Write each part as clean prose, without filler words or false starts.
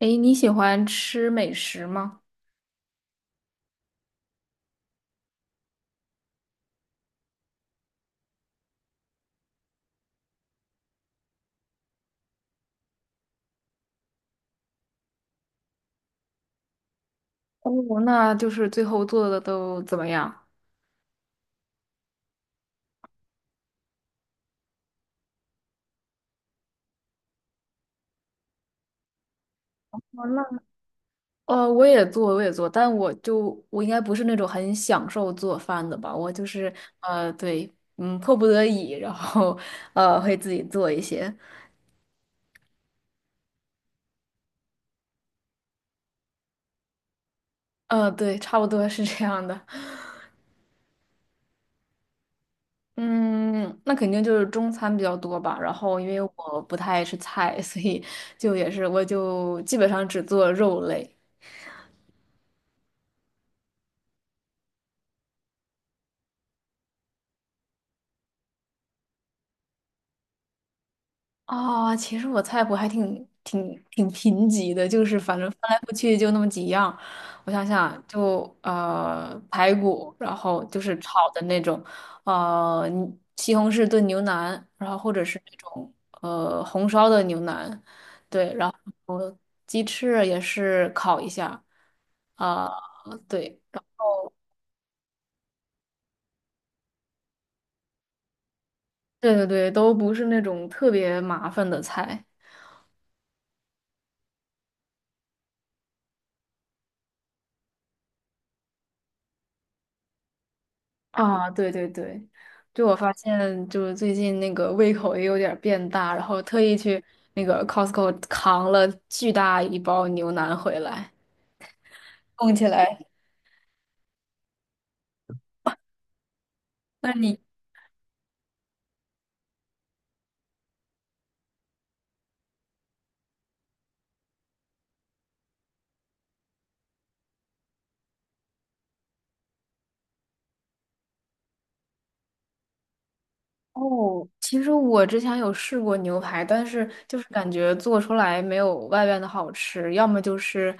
哎，你喜欢吃美食吗？哦，那就是最后做的都怎么样？哦，那我也做，但我就我应该不是那种很享受做饭的吧，我就是呃，对。嗯，迫不得已，然后会自己做一些。呃，对，差不多是这样的。嗯，那肯定就是中餐比较多吧，然后因为我不太爱吃菜，所以就也是我就基本上只做肉类。啊、其实我菜谱还挺贫瘠的，就是反正翻来覆去就那么几样。我想想，就排骨，然后就是炒的那种。你西红柿炖牛腩，然后或者是那种红烧的牛腩。对，然后鸡翅也是烤一下。啊、对。对对对，都不是那种特别麻烦的菜。啊，对对对，就我发现，就是最近那个胃口也有点儿变大，然后特意去那个 Costco 扛了巨大一包牛腩回来，供起来。那你哦，其实我之前有试过牛排，但是就是感觉做出来没有外边的好吃，要么就是，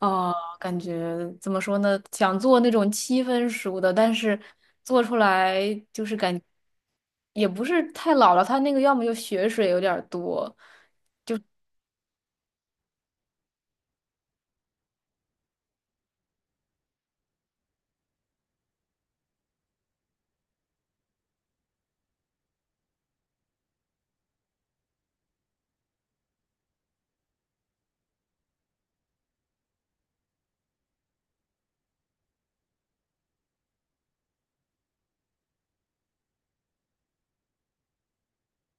呃，感觉怎么说呢，想做那种七分熟的，但是做出来就是感也不是太老了，它那个要么就血水有点儿多。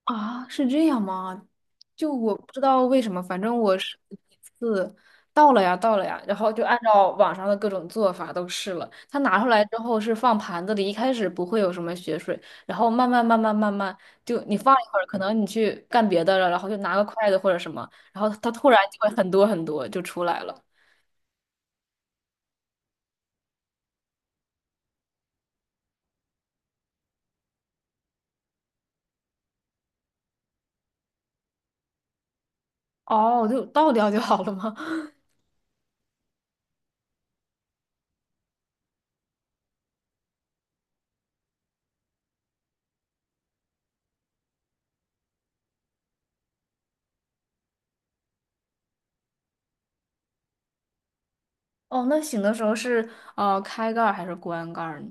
啊，是这样吗？就我不知道为什么，反正我是一次到了呀，到了呀，然后就按照网上的各种做法都试了。它拿出来之后是放盘子里，一开始不会有什么血水，然后慢慢，就你放一会儿，可能你去干别的了，然后就拿个筷子或者什么，然后它突然就会很多很多就出来了。哦，就倒掉就好了吗？哦，那醒的时候是开盖儿还是关盖儿呢？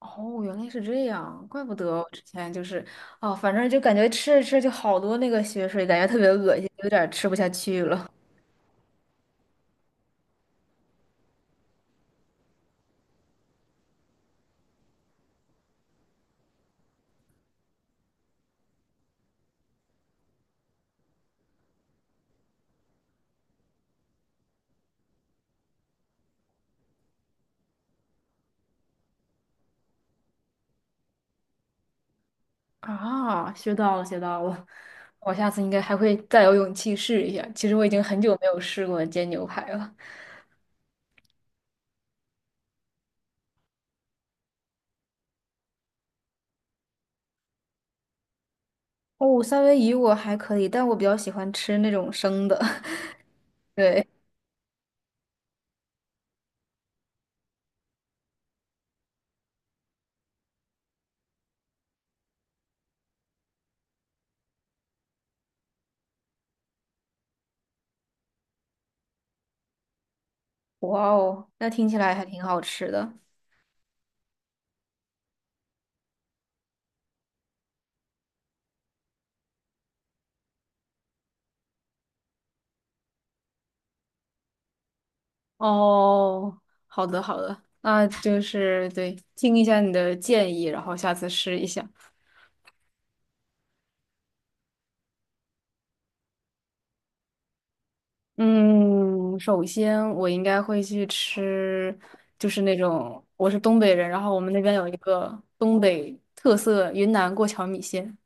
哦，原来是这样，怪不得我之前就是，哦，反正就感觉吃着吃着就好多那个血水，感觉特别恶心，有点儿吃不下去了。啊，学到了，学到了，我下次应该还会再有勇气试一下。其实我已经很久没有试过煎牛排了。哦，三文鱼我还可以，但我比较喜欢吃那种生的。对。哇哦，那听起来还挺好吃的。哦，好的好的，那就是对，听一下你的建议，然后下次试一下。嗯，首先我应该会去吃，就是那种我是东北人，然后我们那边有一个东北特色云南过桥米线。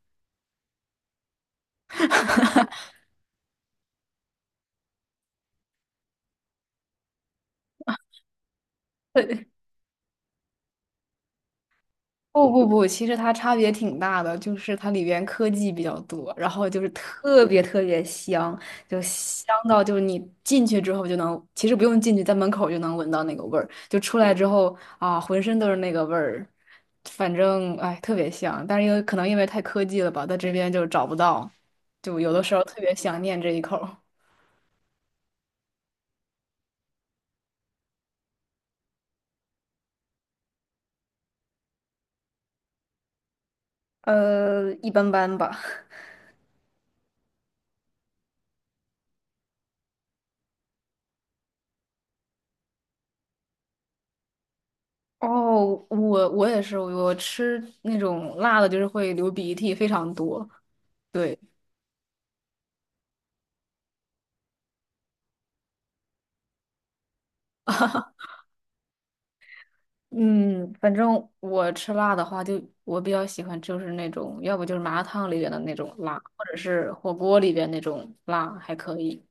不不不，其实它差别挺大的，就是它里边科技比较多，然后就是特别特别香，就香到就是你进去之后就能，其实不用进去，在门口就能闻到那个味儿，就出来之后啊，浑身都是那个味儿，反正哎特别香，但是因为可能因为太科技了吧，在这边就找不到，就有的时候特别想念这一口儿。一般般吧。哦，我我也是，我吃那种辣的，就是会流鼻涕，非常多。对。嗯，反正我吃辣的话就，我比较喜欢就是那种，要不就是麻辣烫里边的那种辣，或者是火锅里边那种辣，还可以。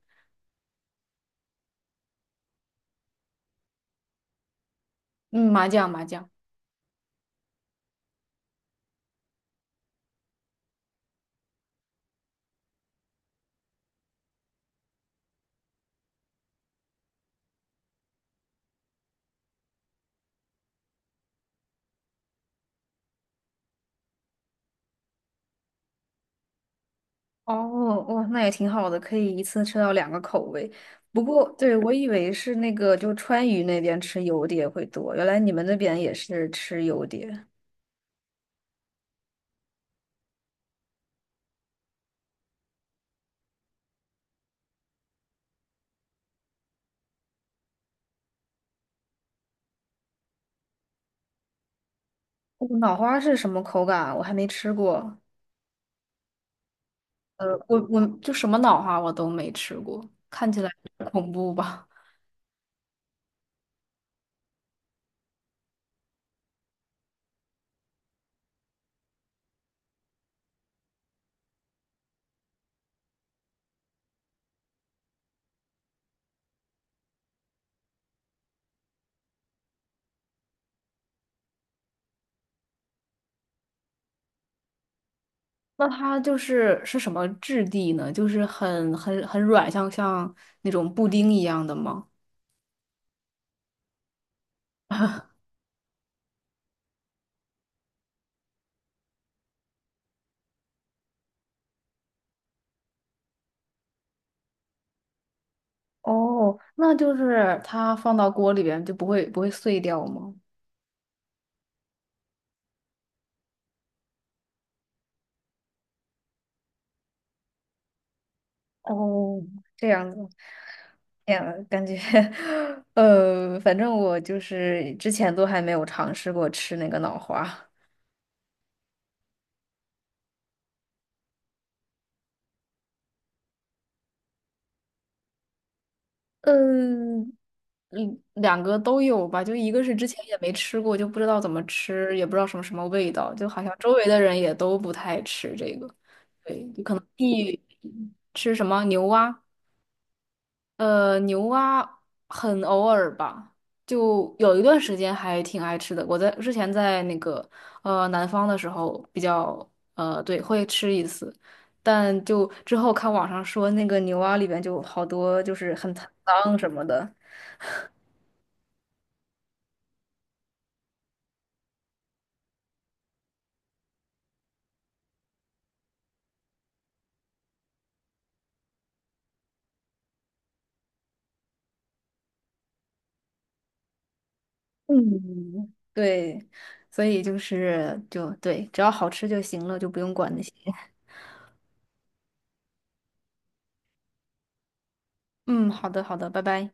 嗯，麻酱麻酱。哦。哦，那也挺好的，可以一次吃到两个口味。不过，对，我以为是那个，就川渝那边吃油碟会多，原来你们那边也是吃油碟。哦脑花是什么口感啊我还没吃过。我我就什么脑花我都没吃过，看起来恐怖吧？那它就是是什么质地呢？就是很软，像那种布丁一样的吗？哦，那就是它放到锅里边就不会碎掉吗？哦，这样子。哎呀，感觉，反正我就是之前都还没有尝试过吃那个脑花。嗯，嗯两个都有吧，就一个是之前也没吃过，就不知道怎么吃，也不知道什么什么味道，就好像周围的人也都不太吃这个。吃什么牛蛙？牛蛙很偶尔吧，就有一段时间还挺爱吃的。我在之前在那个南方的时候比较对会吃一次，但就之后看网上说那个牛蛙里边就好多就是很脏什么的。嗯，对，所以就是就对，只要好吃就行了，就不用管那些。嗯，好的好的，拜拜。